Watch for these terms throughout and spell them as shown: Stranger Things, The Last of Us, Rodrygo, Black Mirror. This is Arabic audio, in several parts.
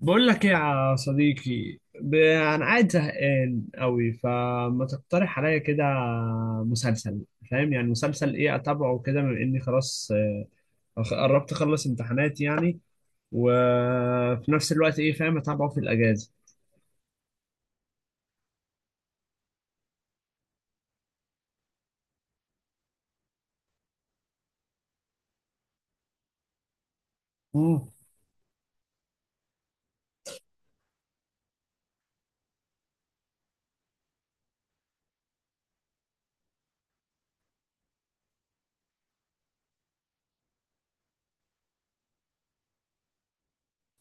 بقول لك ايه يا صديقي انا قاعد زهقان قوي فما تقترح عليا كده مسلسل. فاهم يعني مسلسل ايه اتابعه كده بما اني خلاص قربت اخلص امتحانات يعني. وفي نفس الوقت ايه فاهم اتابعه في الاجازه. مم.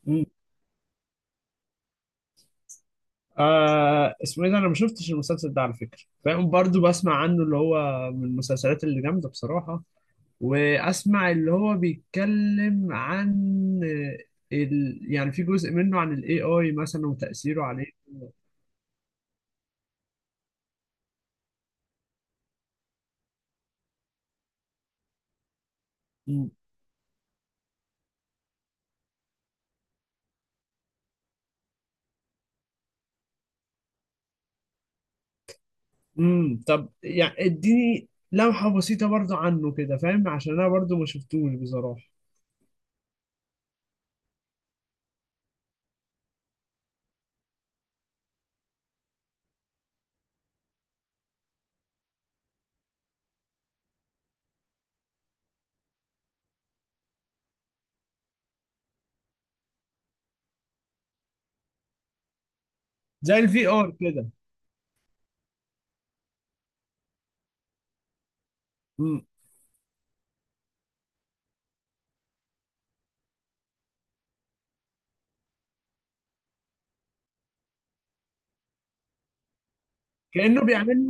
مم. آه، اسمه ايه ده؟ انا ما شفتش المسلسل ده على فكره، فاهم، برضو بسمع عنه، اللي هو من المسلسلات اللي جامده بصراحه. واسمع اللي هو بيتكلم عن يعني في جزء منه عن الاي اي مثلا وتأثيره عليه. مم. طب يعني اديني لمحة بسيطة برضو عنه كده، فاهم، عشان انا برضو ما شفتوش بصراحة. زي الفي ار كده. مم. كأنه بيعمل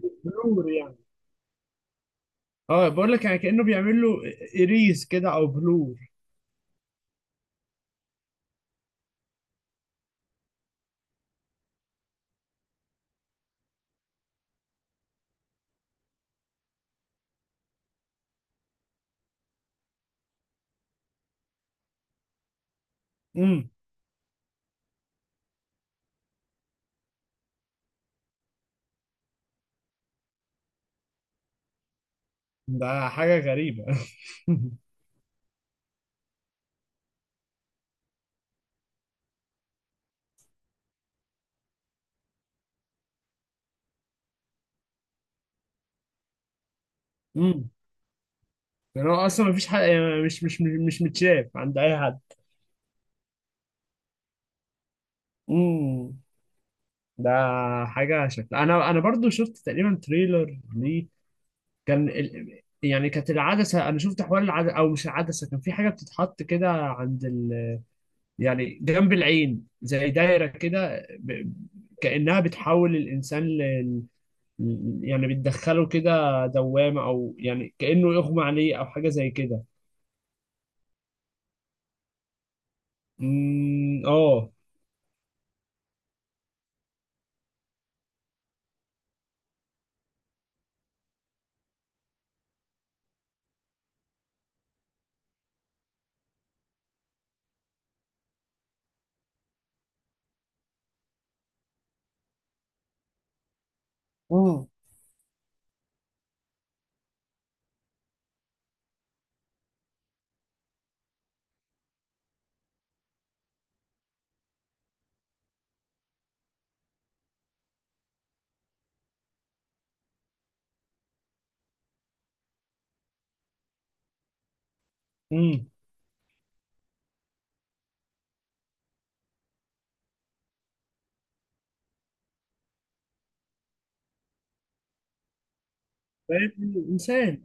له بلور يعني. اه بقول لك يعني كأنه بيعمل له اريز كده او بلور. امم، ده حاجة غريبة. امم، يعني هو اصلا ما فيش حد، يعني مش متشاف عند اي حد. امم، ده حاجة شكلها أنا برضو شفت تقريبا تريلر ليه. كان يعني كانت العدسة، أنا شفت حوار العدسة، أو مش العدسة، كان في حاجة بتتحط كده عند يعني جنب العين زي دايرة كده كأنها بتحول الإنسان يعني بتدخله كده دوامة، أو يعني كأنه يغمى عليه أو حاجة زي كده. أمم، آه امم. امم. فاهم الانسان.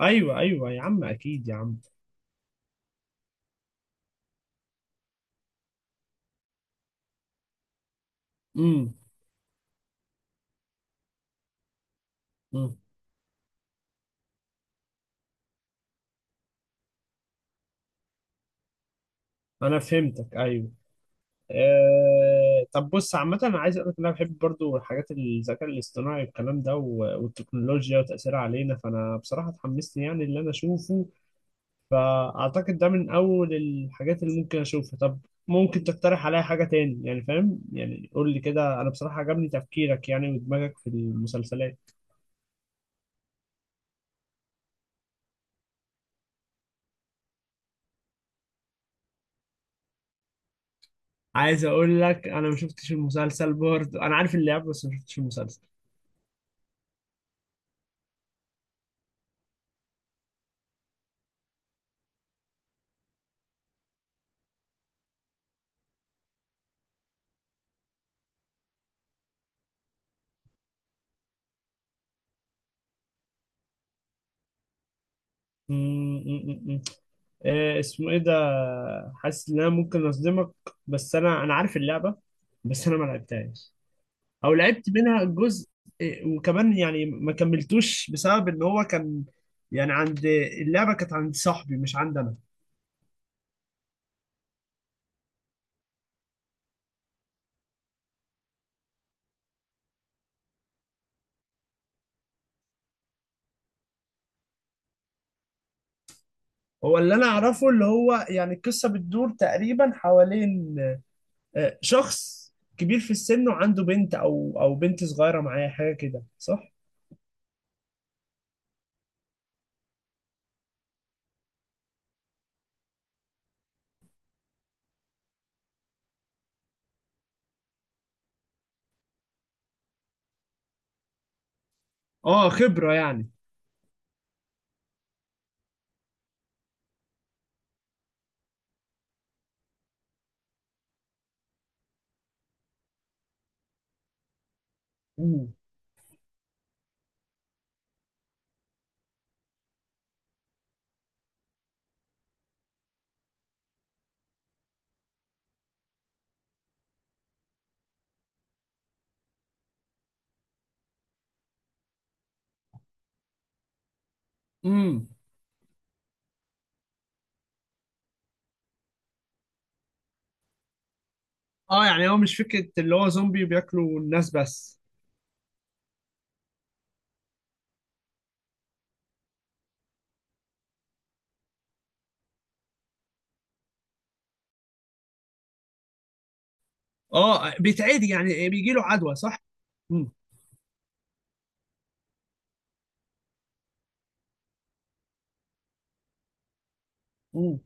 ايوه ايوه يا عم، اكيد يا عم. امم. امم. انا فهمتك، ايوه. طب بص، عامة أنا عايز أقول لك إن أنا بحب برضو حاجات الذكاء الاصطناعي والكلام ده والتكنولوجيا وتأثيرها علينا، فأنا بصراحة اتحمست يعني اللي أنا أشوفه. فأعتقد ده من أول الحاجات اللي ممكن أشوفها. طب ممكن تقترح عليا حاجة تاني يعني، فاهم، يعني قول لي كده، أنا بصراحة عجبني تفكيرك يعني ودماغك في المسلسلات. عايز أقول لك أنا ما شفتش المسلسل برضو، أنا عارف اللعبة بس ما شفتش المسلسل. مم، مم، مم. إيه اسمه ايه ده؟ حاسس ان انا ممكن اصدمك، بس انا عارف اللعبه، بس انا ما لعبتهاش، او لعبت منها جزء. إيه، وكمان يعني ما كملتوش بسبب ان هو كان يعني عند، اللعبه كانت عند صاحبي مش عندي انا. هو اللي انا اعرفه، اللي هو يعني القصه بتدور تقريبا حوالين شخص كبير في السن وعنده بنت او او بنت صغيره معاه حاجه كده، صح؟ اه خبره يعني. امم. اه يعني هو مش فكرة اللي هو زومبي بياكلوا الناس بس؟ اه بيتعدي يعني، إيه، بيجي له عدوى صح؟ امم. مم.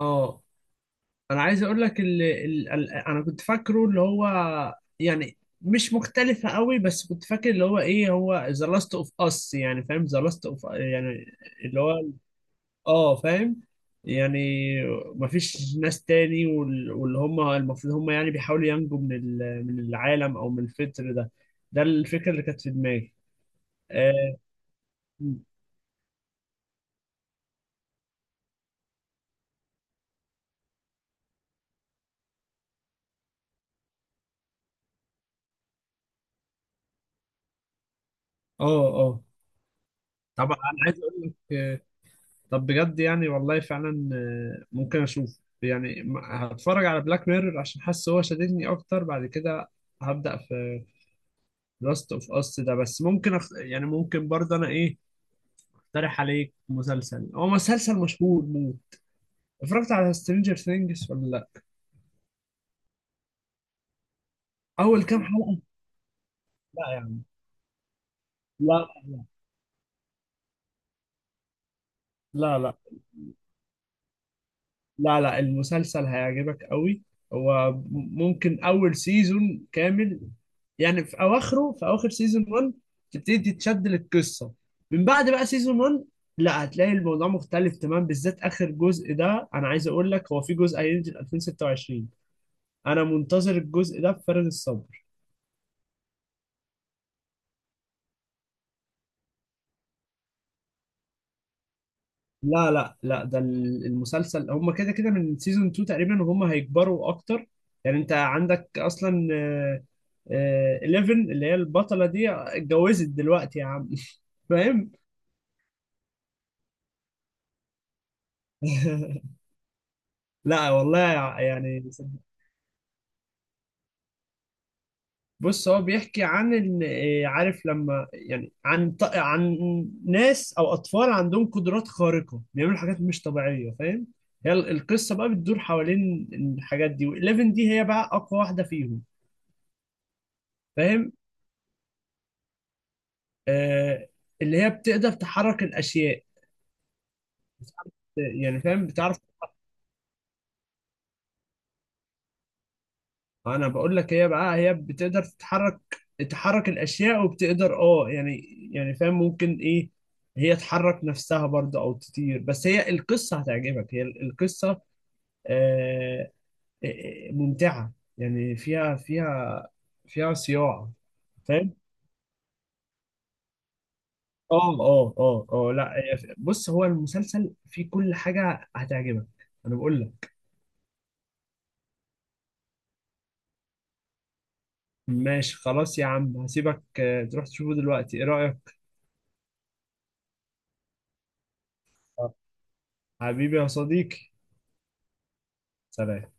اه انا عايز اقول لك انا كنت فاكره اللي هو يعني مش مختلفة قوي، بس كنت فاكر اللي هو ايه هو ذا لاست اوف اس يعني فاهم، ذا لاست اوف يعني اللي هو، اه فاهم، يعني مفيش ناس تاني واللي هم المفروض هم يعني بيحاولوا ينجوا من من العالم او من الفطر ده، ده الفكرة اللي كانت في دماغي. آه. اه. اه. طبعا انا عايز اقول لك آه، طب بجد يعني والله فعلا، ممكن اشوف يعني، هتفرج على بلاك ميرور عشان حاسس هو شددني اكتر. بعد كده هبدأ في لاست اوف اس ده. بس ممكن يعني ممكن برضه انا ايه اقترح عليك مسلسل، هو مسلسل مشهور موت. اتفرجت على سترينجر ثينجز ولا لا؟ اول كام حلقة؟ لا يعني، لا. لا لا. لا لا، المسلسل هيعجبك قوي. هو ممكن اول سيزون كامل يعني في اواخره، في اواخر سيزون 1 تبتدي تتشد للقصه. من بعد بقى سيزون 1 لا، هتلاقي الموضوع مختلف تمام، بالذات اخر جزء ده. انا عايز اقول لك هو في جزء هينزل 2026، انا منتظر الجزء ده بفارغ الصبر. لا لا لا، ده ال- المسلسل هم كده كده من سيزون 2 تقريبا وهم هيكبروا اكتر. يعني انت عندك اصلا 11 اللي هي البطلة دي اتجوزت دلوقتي يا عم. فاهم. لا والله. يعني بص هو بيحكي عن عارف لما يعني عن عن ناس او اطفال عندهم قدرات خارقة بيعملوا حاجات مش طبيعية، فاهم. هي ال- القصة بقى بتدور حوالين الحاجات دي، و11 دي هي بقى اقوى واحدة فيهم، فاهم. آه، اللي هي بتقدر تحرك الاشياء. يعني فاهم، بتعرف، انا بقول لك هي بقى هي بتقدر تتحرك، تحرك الاشياء، وبتقدر، اه يعني، يعني فاهم ممكن ايه، هي تحرك نفسها برضه او تطير. بس هي القصه هتعجبك، هي القصه آه، ممتعه، يعني فيها، فيها، فيها صياعه، فاهم. اه لا، بص هو المسلسل فيه كل حاجه هتعجبك، انا بقول لك. ماشي خلاص يا عم، هسيبك تروح تشوفه دلوقتي، ايه رأيك؟ آه. حبيبي يا صديقي، سلام.